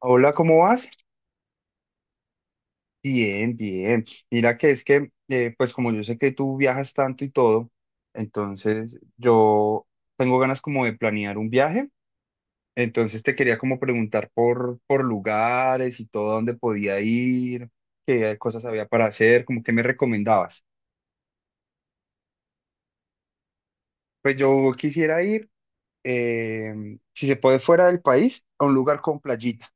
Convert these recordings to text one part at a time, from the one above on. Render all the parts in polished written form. Hola, ¿cómo vas? Bien, bien. Mira que es que, pues como yo sé que tú viajas tanto y todo, entonces yo tengo ganas como de planear un viaje. Entonces te quería como preguntar por lugares y todo, dónde podía ir, qué cosas había para hacer, como qué me recomendabas. Pues yo quisiera ir, si se puede, fuera del país, a un lugar con playita.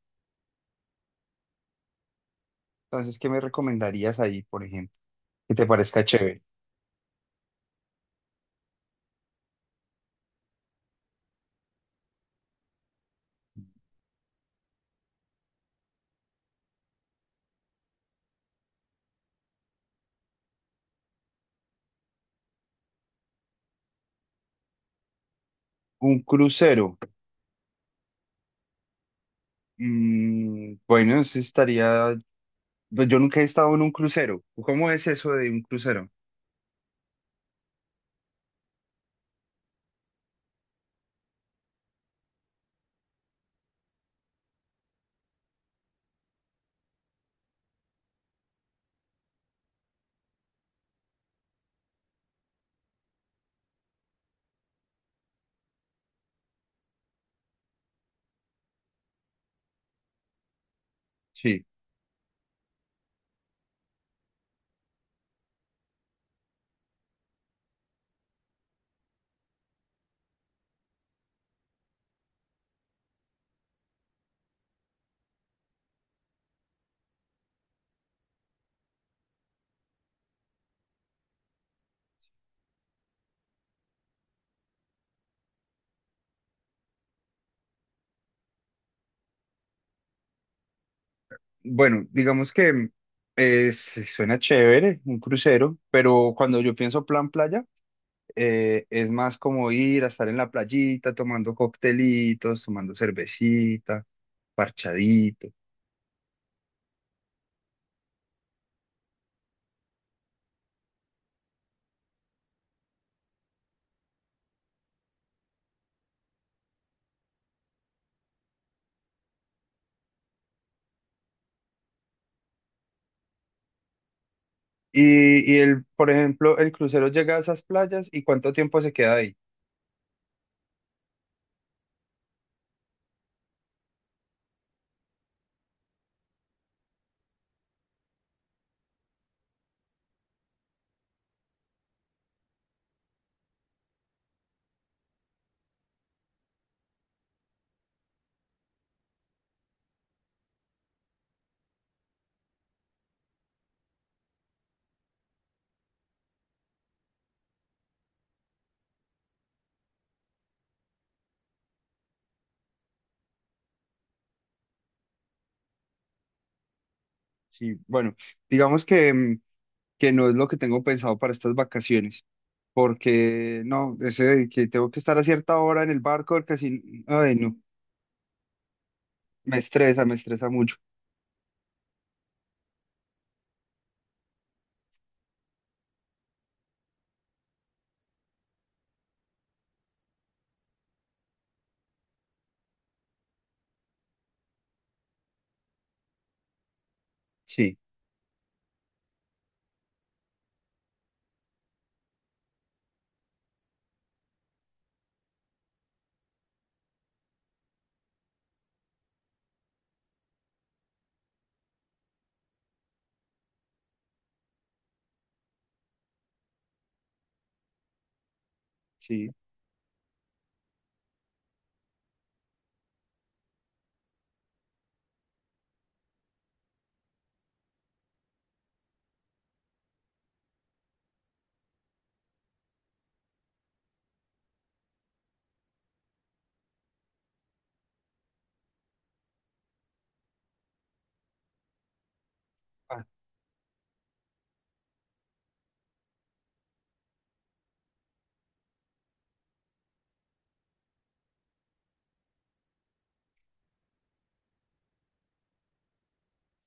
Entonces, ¿qué me recomendarías ahí, por ejemplo? Que te parezca chévere. Un crucero. Mm, bueno, eso estaría. Pues yo nunca he estado en un crucero. ¿Cómo es eso de un crucero? Sí. Bueno, digamos que es- suena chévere un crucero, pero cuando yo pienso plan playa, es más como ir a estar en la playita tomando coctelitos, tomando cervecita, parchadito. Y el, por ejemplo, el crucero llega a esas playas y ¿cuánto tiempo se queda ahí? Sí, bueno, digamos que no es lo que tengo pensado para estas vacaciones, porque no, ese de que tengo que estar a cierta hora en el barco, casi, ay, no, me estresa mucho. Sí, sí. Ah,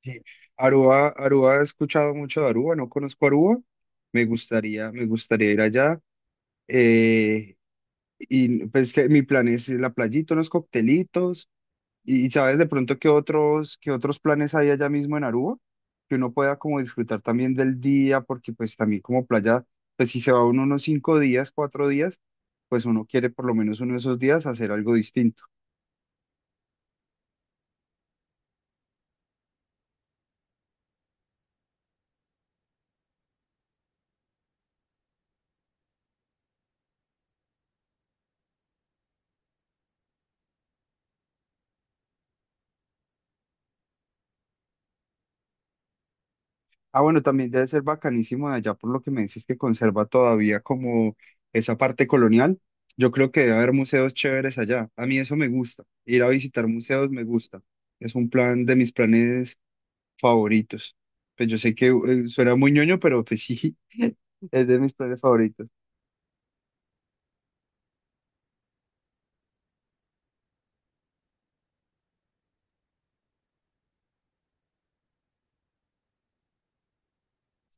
sí. Aruba, Aruba, he escuchado mucho de Aruba, no conozco Aruba, me gustaría ir allá. eh, y pues que mi plan es la playita, unos coctelitos, ¿Y sabes de pronto qué otros, planes hay allá mismo en Aruba? Que uno pueda como disfrutar también del día, porque pues también como playa, pues si se va uno unos 5 días, 4 días, pues uno quiere por lo menos uno de esos días hacer algo distinto. Ah, bueno, también debe ser bacanísimo de allá por lo que me dices que conserva todavía como esa parte colonial. Yo creo que debe haber museos chéveres allá. A mí eso me gusta. Ir a visitar museos me gusta. Es un plan de mis planes favoritos. Pues yo sé que suena muy ñoño, pero pues sí, es de mis planes favoritos.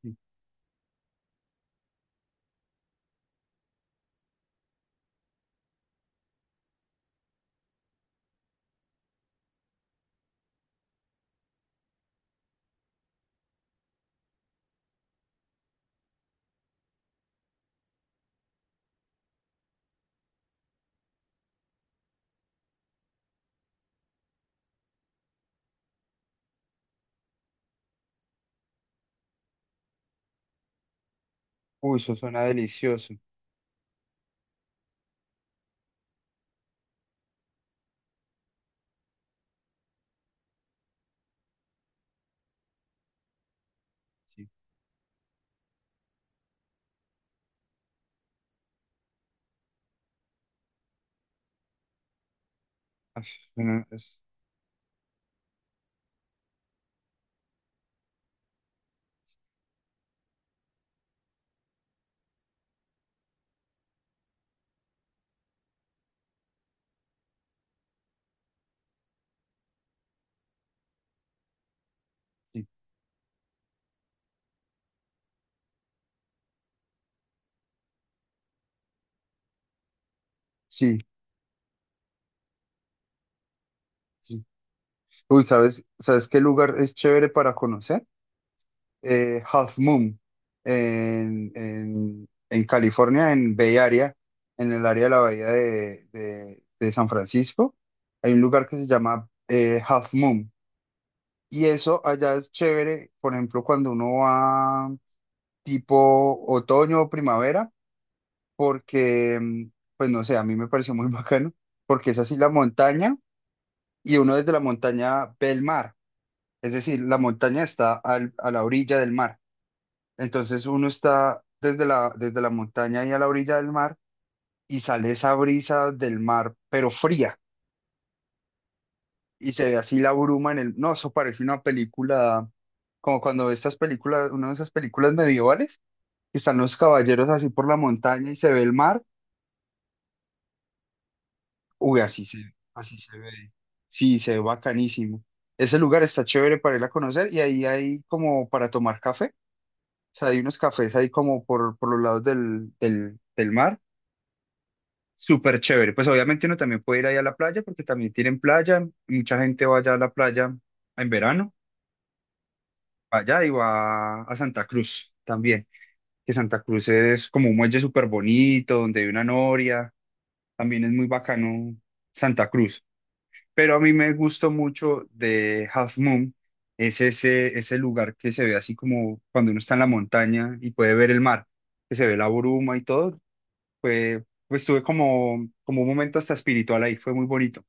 Sí. Uy, eso suena delicioso. Sí, Ah, suena- es- sí, sí, sí. Uy, ¿sabes qué lugar es chévere para conocer? Half Moon, en California, en Bay Area, en el área de la bahía de San Francisco. Hay un lugar que se llama Half Moon. Y eso allá es chévere, por ejemplo, cuando uno va tipo otoño o primavera, porque, pues no sé, a mí me pareció muy bacano, porque es así la montaña y uno desde la montaña ve el mar, es decir, la montaña está a la orilla del mar, entonces uno está desde la montaña y a la orilla del mar y sale esa brisa del mar, pero fría, y se ve así la bruma en el, no, eso parece una película, como cuando ves estas películas, una de esas películas medievales, que están los caballeros así por la montaña y se ve el mar. Uy, así se ve. Sí, se ve bacanísimo. Ese lugar está chévere para ir a conocer y ahí hay como para tomar café. O sea, hay unos cafés ahí como por los lados del mar. Súper chévere. Pues obviamente uno también puede ir ahí a la playa porque también tienen playa. Mucha gente va allá a la playa en verano. Va allá y va a Santa Cruz también. Que Santa Cruz es como un muelle súper bonito donde hay una noria. También es muy bacano Santa Cruz. Pero a mí me gustó mucho de Half Moon, es ese, ese lugar que se ve así como cuando uno está en la montaña y puede ver el mar, que se ve la bruma y todo. Fue, pues tuve como, como un momento hasta espiritual ahí, fue muy bonito.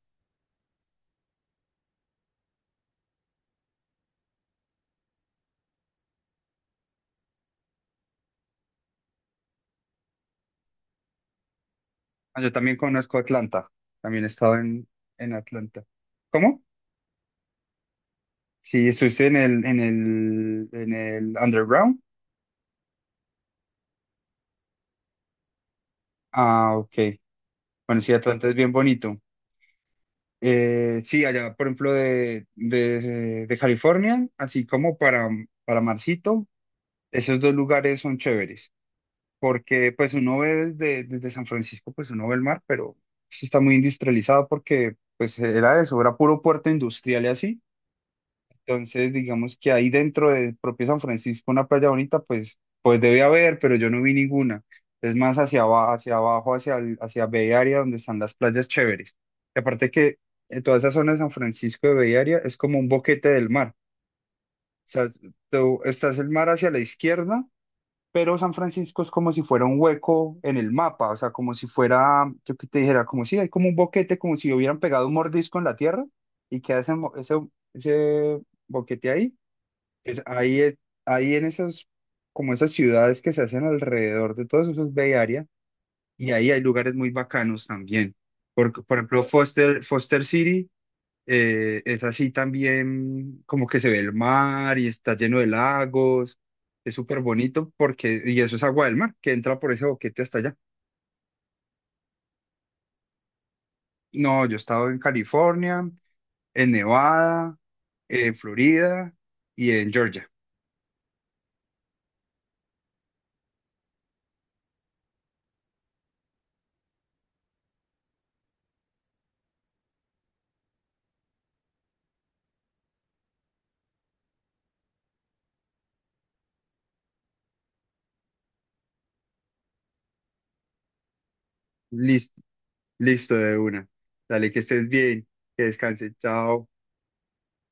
Ah, yo también conozco Atlanta, también he estado en Atlanta. ¿Cómo? Sí, estuviste en el Underground. Ah, ok. Bueno, sí, Atlanta es bien bonito. Sí, allá, por ejemplo, de California, así como para Marcito, esos dos lugares son chéveres, porque pues uno ve desde San Francisco, pues uno ve el mar, pero sí está muy industrializado porque pues era eso, era puro puerto industrial y así, entonces, digamos que ahí dentro de propio San Francisco, una playa bonita, pues, pues debe haber, pero yo no vi ninguna. Es más hacia abajo, hacia abajo, hacia Bay Area, donde están las playas chéveres. Y aparte que toda esa zona de San Francisco de Bay Area es como un boquete del mar. O sea, tú estás el mar hacia la izquierda, pero San Francisco es como si fuera un hueco en el mapa. O sea, como si fuera, yo que te dijera, como si hay como un boquete, como si hubieran pegado un mordisco en la tierra y queda ese boquete ahí es ahí, es- ahí en esas, como esas ciudades que se hacen alrededor de todos esos Bay Area, y ahí hay lugares muy bacanos también. Por ejemplo, Foster City es así también, como que se ve el mar y está lleno de lagos, es súper bonito porque, y eso es agua del mar que entra por ese boquete hasta allá. No, yo he estado en California, en Nevada, en Florida y en Georgia. Listo, de una. Dale, que estés bien, que descanses. Chao.